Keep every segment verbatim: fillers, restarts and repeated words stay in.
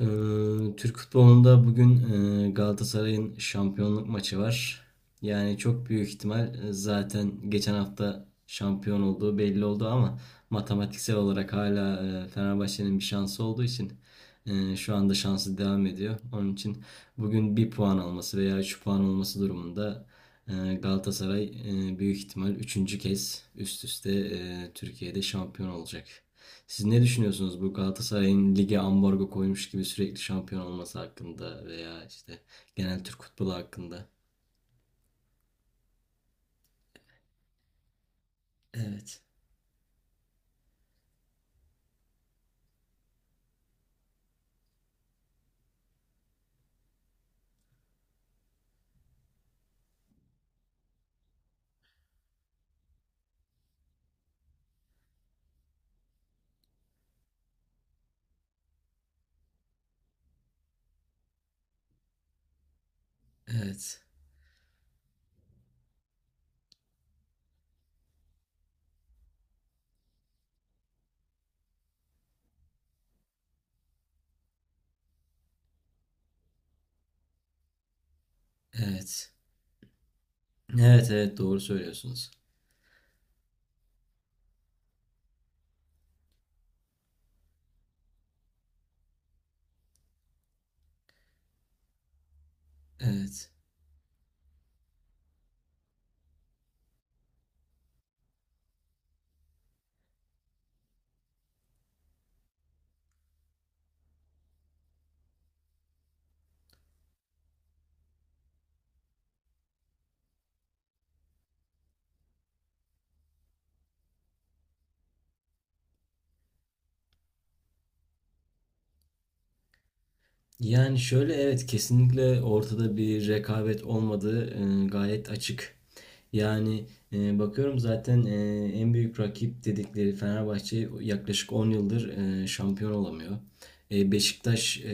Ee, Türk futbolunda bugün e, Galatasaray'ın şampiyonluk maçı var. Yani çok büyük ihtimal e, zaten geçen hafta şampiyon olduğu belli oldu ama matematiksel olarak hala e, Fenerbahçe'nin bir şansı olduğu için e, şu anda şansı devam ediyor. Onun için bugün bir puan alması veya üç puan olması durumunda e, Galatasaray e, büyük ihtimal üçüncü kez üst üste e, Türkiye'de şampiyon olacak. Siz ne düşünüyorsunuz bu Galatasaray'ın lige ambargo koymuş gibi sürekli şampiyon olması hakkında veya işte genel Türk futbolu hakkında? Evet, evet, evet. Evet, evet, doğru söylüyorsunuz. Evet. Yani şöyle evet, kesinlikle ortada bir rekabet olmadığı e, gayet açık. Yani e, bakıyorum zaten e, En büyük rakip dedikleri Fenerbahçe yaklaşık on yıldır e, şampiyon olamıyor. E, Beşiktaş, e,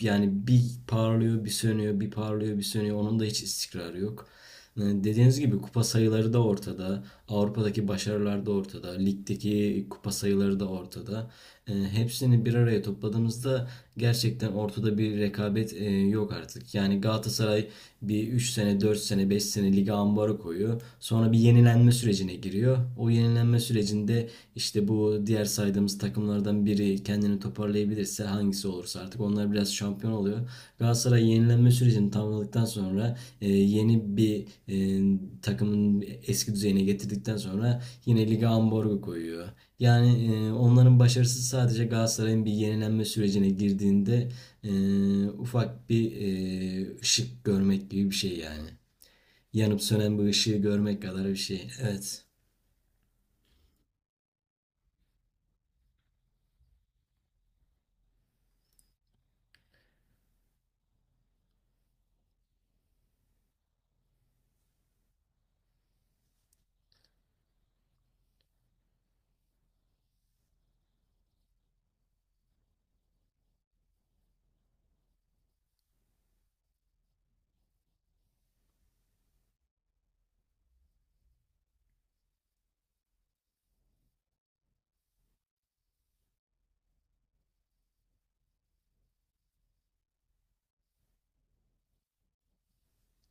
yani bir parlıyor bir sönüyor bir parlıyor bir sönüyor, onun da hiç istikrarı yok. E, dediğiniz gibi kupa sayıları da ortada. Avrupa'daki başarılar da ortada. Ligdeki kupa sayıları da ortada, e, hepsini bir araya topladığımızda gerçekten ortada bir rekabet e, yok artık. Yani Galatasaray bir üç sene, dört sene, beş sene lige ambarı koyuyor. Sonra bir yenilenme sürecine giriyor. O yenilenme sürecinde işte bu diğer saydığımız takımlardan biri kendini toparlayabilirse, hangisi olursa artık, onlar biraz şampiyon oluyor. Galatasaray yenilenme sürecini tamamladıktan sonra e, yeni bir e, takımın eski düzeyine getirdikten sonra yine lige ambargo koyuyor. Yani e, onların başarısı sadece Galatasaray'ın bir yenilenme sürecine girdiğinde e, ufak bir e, ışık görmek gibi bir şey yani. Yanıp sönen bir ışığı görmek kadar bir şey. Evet.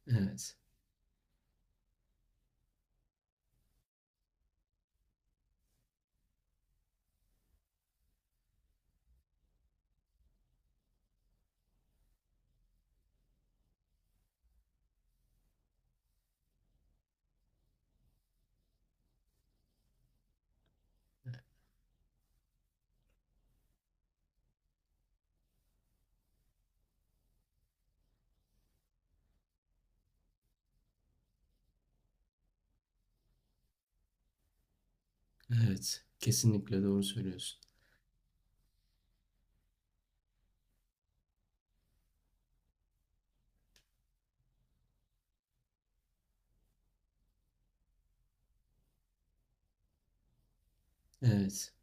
Evet. Evet, kesinlikle doğru söylüyorsun. Evet.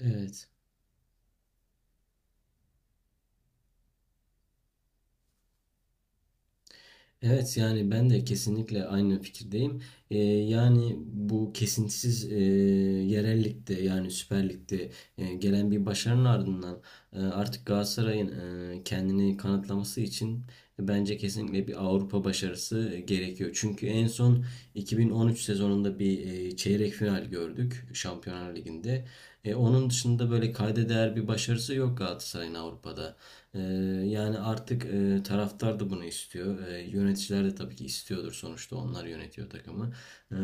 Evet. Evet, yani ben de kesinlikle aynı fikirdeyim. Ee, yani bu kesintisiz e, yerel ligde, yani Süper Lig'de e, gelen bir başarının ardından e, artık Galatasaray'ın e, kendini kanıtlaması için bence kesinlikle bir Avrupa başarısı gerekiyor. Çünkü en son iki bin on üç sezonunda bir e, çeyrek final gördük Şampiyonlar Ligi'nde. E, onun dışında böyle kayda değer bir başarısı yok Galatasaray'ın Avrupa'da. Ee, Yani artık e, taraftar da bunu istiyor. Ee, yöneticiler de tabii ki istiyordur, sonuçta onlar yönetiyor takımı. Ee,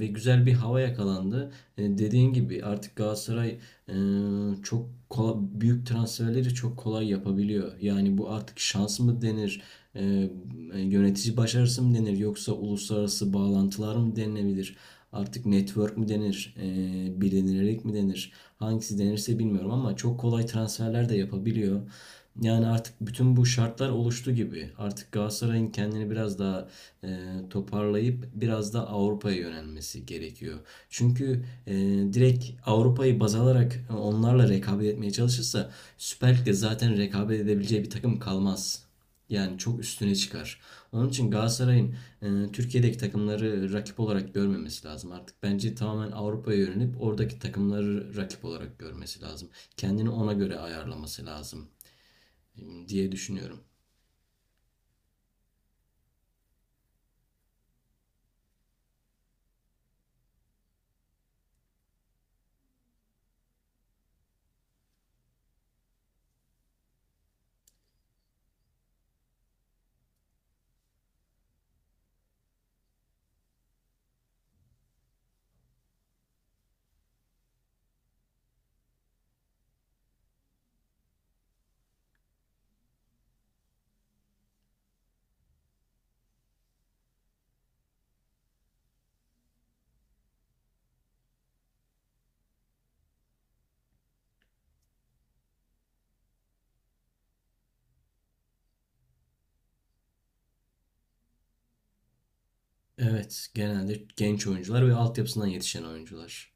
Ve güzel bir hava yakalandı. Ee, dediğin gibi artık Galatasaray e, çok kolay, büyük transferleri çok kolay yapabiliyor. Yani bu artık şans mı denir? Ee, e, Yönetici başarısı mı denir? Yoksa uluslararası bağlantılar mı denilebilir? Artık network mu denir? E, bilinilerek mi denir? Hangisi denirse bilmiyorum ama çok kolay transferler de yapabiliyor. Yani artık bütün bu şartlar oluştu gibi. Artık Galatasaray'ın kendini biraz daha e, toparlayıp biraz da Avrupa'ya yönelmesi gerekiyor. Çünkü e, direkt Avrupa'yı baz alarak onlarla rekabet etmeye çalışırsa Süper Lig'de zaten rekabet edebileceği bir takım kalmaz. Yani çok üstüne çıkar. Onun için Galatasaray'ın e, Türkiye'deki takımları rakip olarak görmemesi lazım. Artık bence tamamen Avrupa'ya yönelip oradaki takımları rakip olarak görmesi lazım. Kendini ona göre ayarlaması lazım diye düşünüyorum. Evet, genelde genç oyuncular ve altyapısından yetişen oyuncular.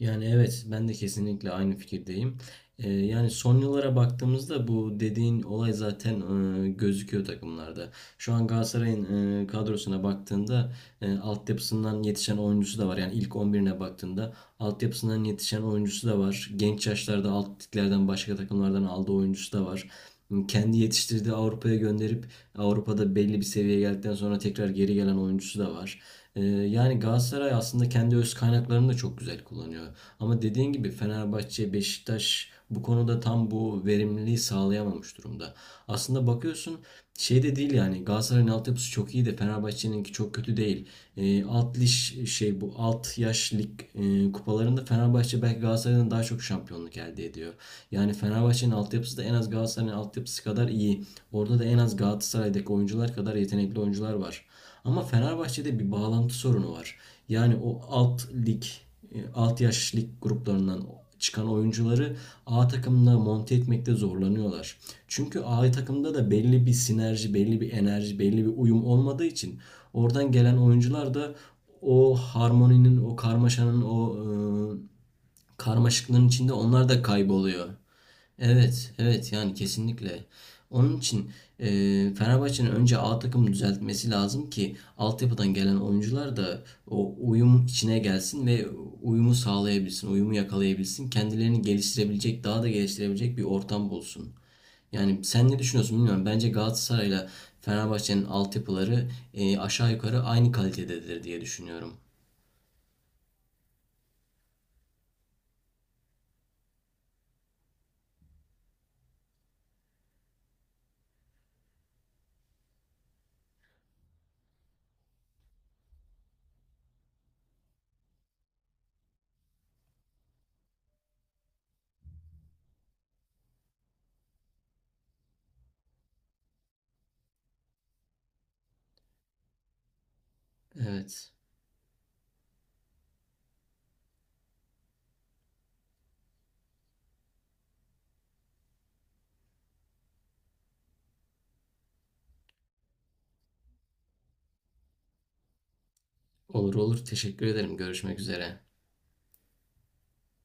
Yani evet, ben de kesinlikle aynı fikirdeyim. Ee, yani son yıllara baktığımızda bu dediğin olay zaten e, gözüküyor takımlarda. Şu an Galatasaray'ın e, kadrosuna baktığında e, altyapısından yetişen oyuncusu da var. Yani ilk on birine baktığında altyapısından yetişen oyuncusu da var. Genç yaşlarda alt liglerden, başka takımlardan aldığı oyuncusu da var. Kendi yetiştirdiği, Avrupa'ya gönderip Avrupa'da belli bir seviyeye geldikten sonra tekrar geri gelen oyuncusu da var. Ee, yani Galatasaray aslında kendi öz kaynaklarını da çok güzel kullanıyor. Ama dediğin gibi Fenerbahçe, Beşiktaş bu konuda tam bu verimliliği sağlayamamış durumda. Aslında bakıyorsun, şey de değil yani, Galatasaray'ın altyapısı çok iyi de Fenerbahçe'ninki çok kötü değil. Ee, alt liş şey Bu alt yaş lig e, kupalarında Fenerbahçe belki Galatasaray'dan daha çok şampiyonluk elde ediyor. Yani Fenerbahçe'nin altyapısı da en az Galatasaray'ın altyapısı kadar iyi. Orada da en az Galatasaray'daki oyuncular kadar yetenekli oyuncular var. Ama Fenerbahçe'de bir bağlantı sorunu var. Yani o alt lig, e, alt yaş lig gruplarından çıkan oyuncuları A takımına monte etmekte zorlanıyorlar. Çünkü A takımda da belli bir sinerji, belli bir enerji, belli bir uyum olmadığı için oradan gelen oyuncular da o harmoninin, o karmaşanın, o e, karmaşıklığın içinde onlar da kayboluyor. Evet, evet, yani kesinlikle. Onun için e, Fenerbahçe'nin önce A takımı düzeltmesi lazım ki altyapıdan gelen oyuncular da o uyum içine gelsin ve uyumu sağlayabilsin, uyumu yakalayabilsin. Kendilerini geliştirebilecek, daha da geliştirebilecek bir ortam bulsun. Yani sen ne düşünüyorsun bilmiyorum. Bence Galatasaray'la Fenerbahçe'nin altyapıları e, aşağı yukarı aynı kalitededir diye düşünüyorum. Evet. Olur olur. Teşekkür ederim. Görüşmek üzere.